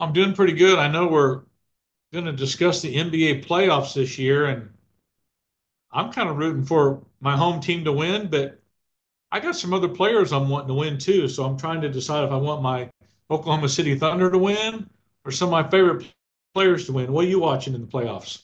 I'm doing pretty good. I know we're going to discuss the NBA playoffs this year, and I'm kind of rooting for my home team to win, but I got some other players I'm wanting to win too. So I'm trying to decide if I want my Oklahoma City Thunder to win or some of my favorite players to win. What are you watching in the playoffs?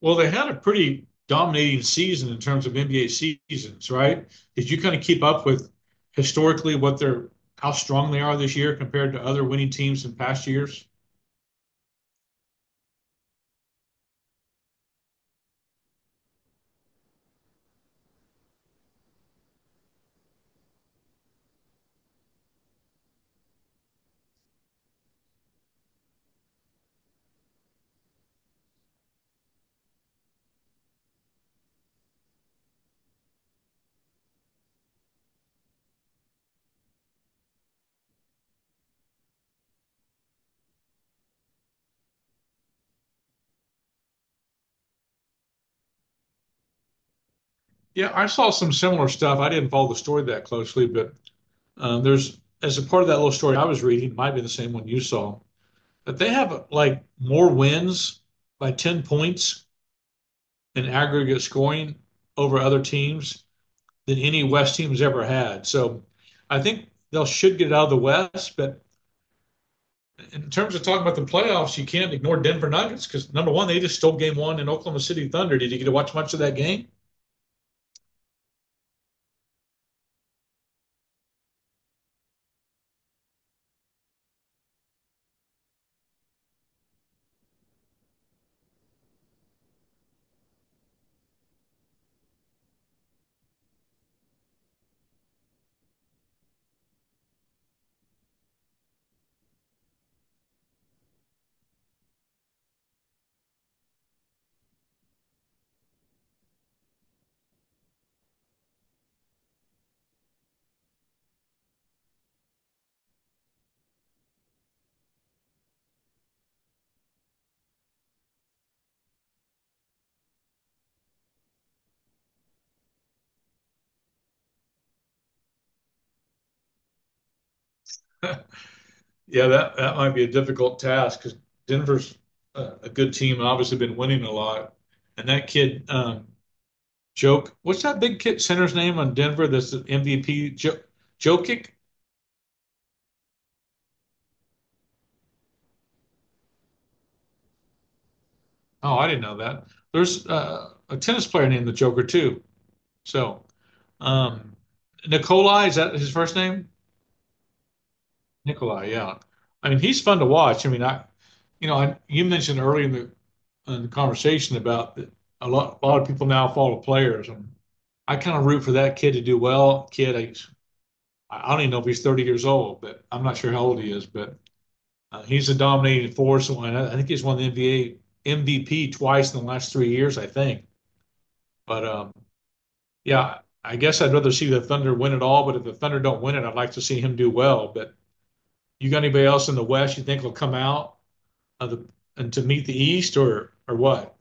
Well, they had a pretty dominating season in terms of NBA seasons, right? Did you kind of keep up with historically what they're how strong they are this year compared to other winning teams in past years? Yeah, I saw some similar stuff. I didn't follow the story that closely, but there's as a part of that little story I was reading, it might be the same one you saw, but they have like more wins by 10 points in aggregate scoring over other teams than any West team has ever had. So I think they'll should get out of the West, but in terms of talking about the playoffs, you can't ignore Denver Nuggets because number one, they just stole game one in Oklahoma City Thunder. Did you get to watch much of that game? Yeah, that might be a difficult task because Denver's a good team and obviously been winning a lot. And that kid, Joke, what's that big kid center's name on Denver that's the MVP? Jokic? Oh, I didn't know that. There's a tennis player named the Joker too. So, um, Nikolai, is that his first name? Nikolai, yeah. I mean, he's fun to watch. I mean, you know, I, you mentioned earlier in in the conversation about that a lot of people now follow players, and I kind of root for that kid to do well. Kid, I don't even know if he's 30 years old, but I'm not sure how old he is. But he's a dominating force, and I think he's won the NBA MVP twice in the last 3 years, I think. But Yeah, I guess I'd rather see the Thunder win it all, but if the Thunder don't win it, I'd like to see him do well. But you got anybody else in the West you think will come out of the and to meet the East or what?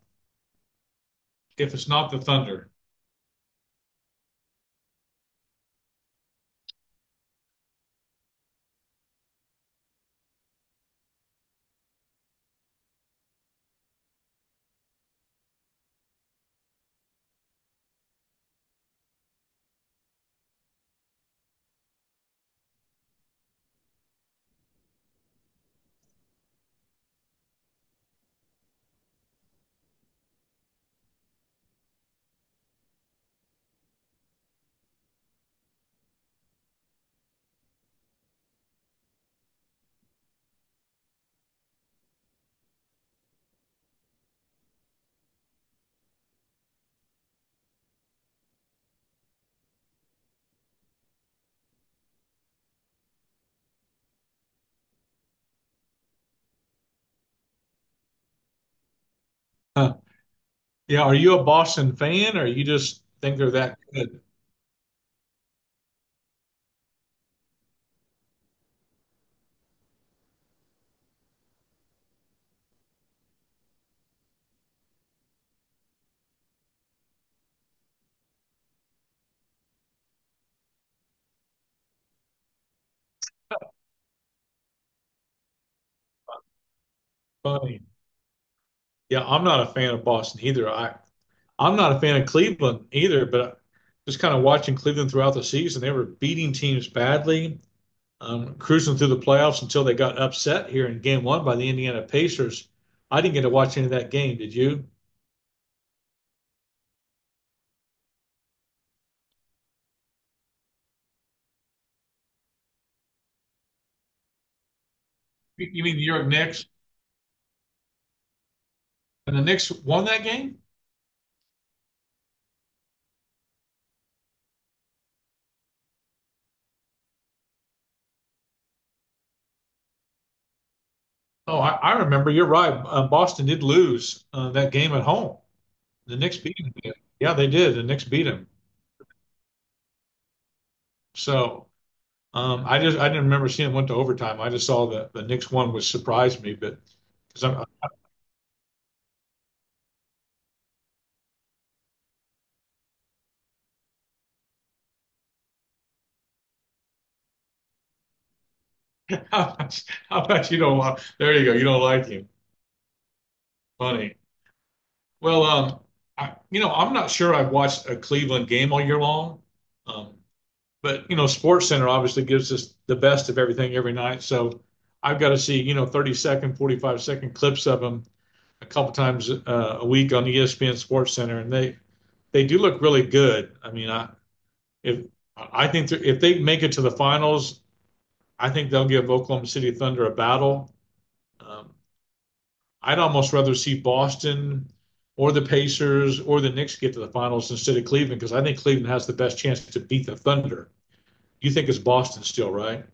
If it's not the Thunder. Huh. Yeah, are you a Boston fan or you just think they're that good? Funny. Yeah, I'm not a fan of Boston either. I'm not a fan of Cleveland either, but just kind of watching Cleveland throughout the season, they were beating teams badly cruising through the playoffs until they got upset here in game one by the Indiana Pacers. I didn't get to watch any of that game. Did you? You mean the New York Knicks? And the Knicks won that game? Oh, I remember. You're right. Boston did lose that game at home. The Knicks beat them. Yeah, they did. The Knicks beat them. So I didn't remember seeing it went to overtime. I just saw the Knicks won, which surprised me. But because I'm how about you don't want? There you go. You don't like him. Funny. Well, I, you know, I'm not sure I've watched a Cleveland game all year long, um, but you know, Sports Center obviously gives us the best of everything every night. So I've got to see you know 30 second, 45-second clips of them a couple times a week on ESPN Sports Center, and they do look really good. I mean, I if I think if they make it to the finals, I think they'll give Oklahoma City Thunder a battle. Um, I'd almost rather see Boston or the Pacers or the Knicks get to the finals instead of Cleveland because I think Cleveland has the best chance to beat the Thunder. You think it's Boston still, right?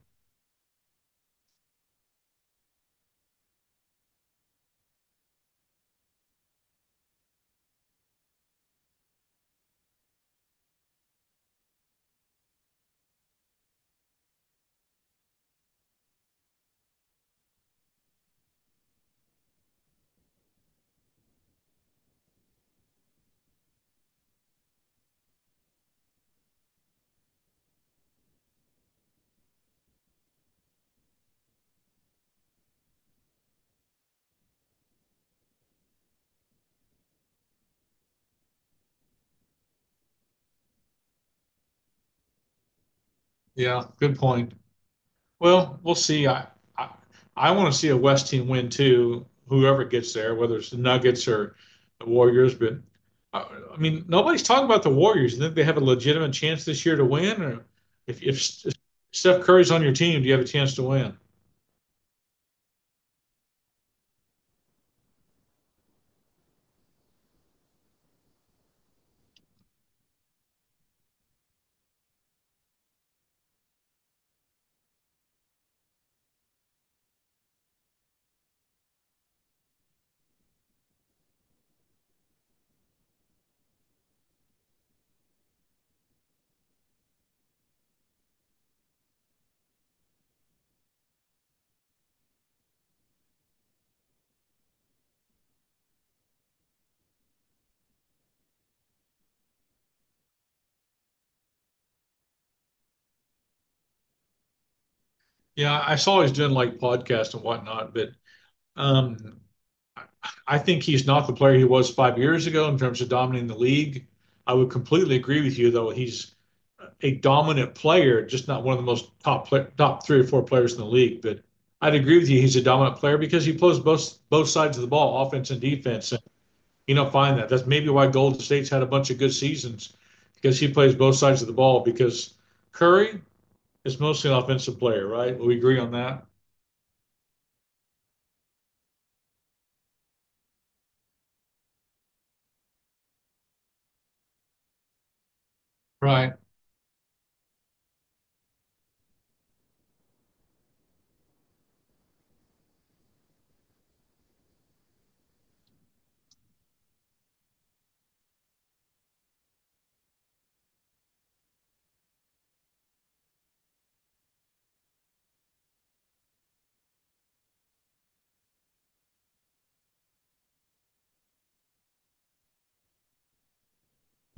Yeah, good point. Well, we'll see. I, I want to see a West team win too. Whoever gets there, whether it's the Nuggets or the Warriors, but mean, nobody's talking about the Warriors. You think they have a legitimate chance this year to win, or if Steph Curry's on your team, do you have a chance to win? Yeah, I saw he's doing like podcasts and whatnot, but Um, I think he's not the player he was 5 years ago in terms of dominating the league. I would completely agree with you, though. He's a dominant player, just not one of the most top three or four players in the league. But I'd agree with you. He's a dominant player because he plays both sides of the ball, offense and defense. And you don't find that. That's maybe why Golden State's had a bunch of good seasons because he plays both sides of the ball. Because Curry is mostly an offensive player, right? Will we agree on that? Right.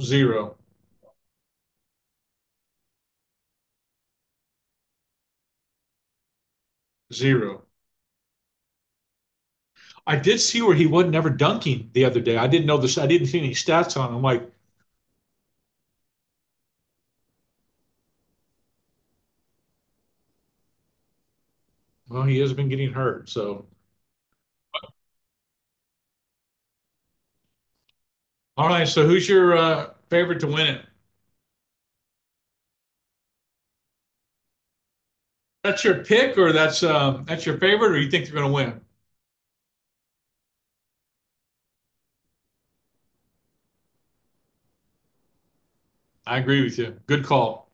Zero, zero. I did see where he wasn't ever dunking the other day. I didn't know this. I didn't see any stats on him. I'm Like, well, he has been getting hurt. So, all right. So, who's your favorite to win it? That's your pick, or that's your favorite, or you think they're going to win? I agree with you. Good call.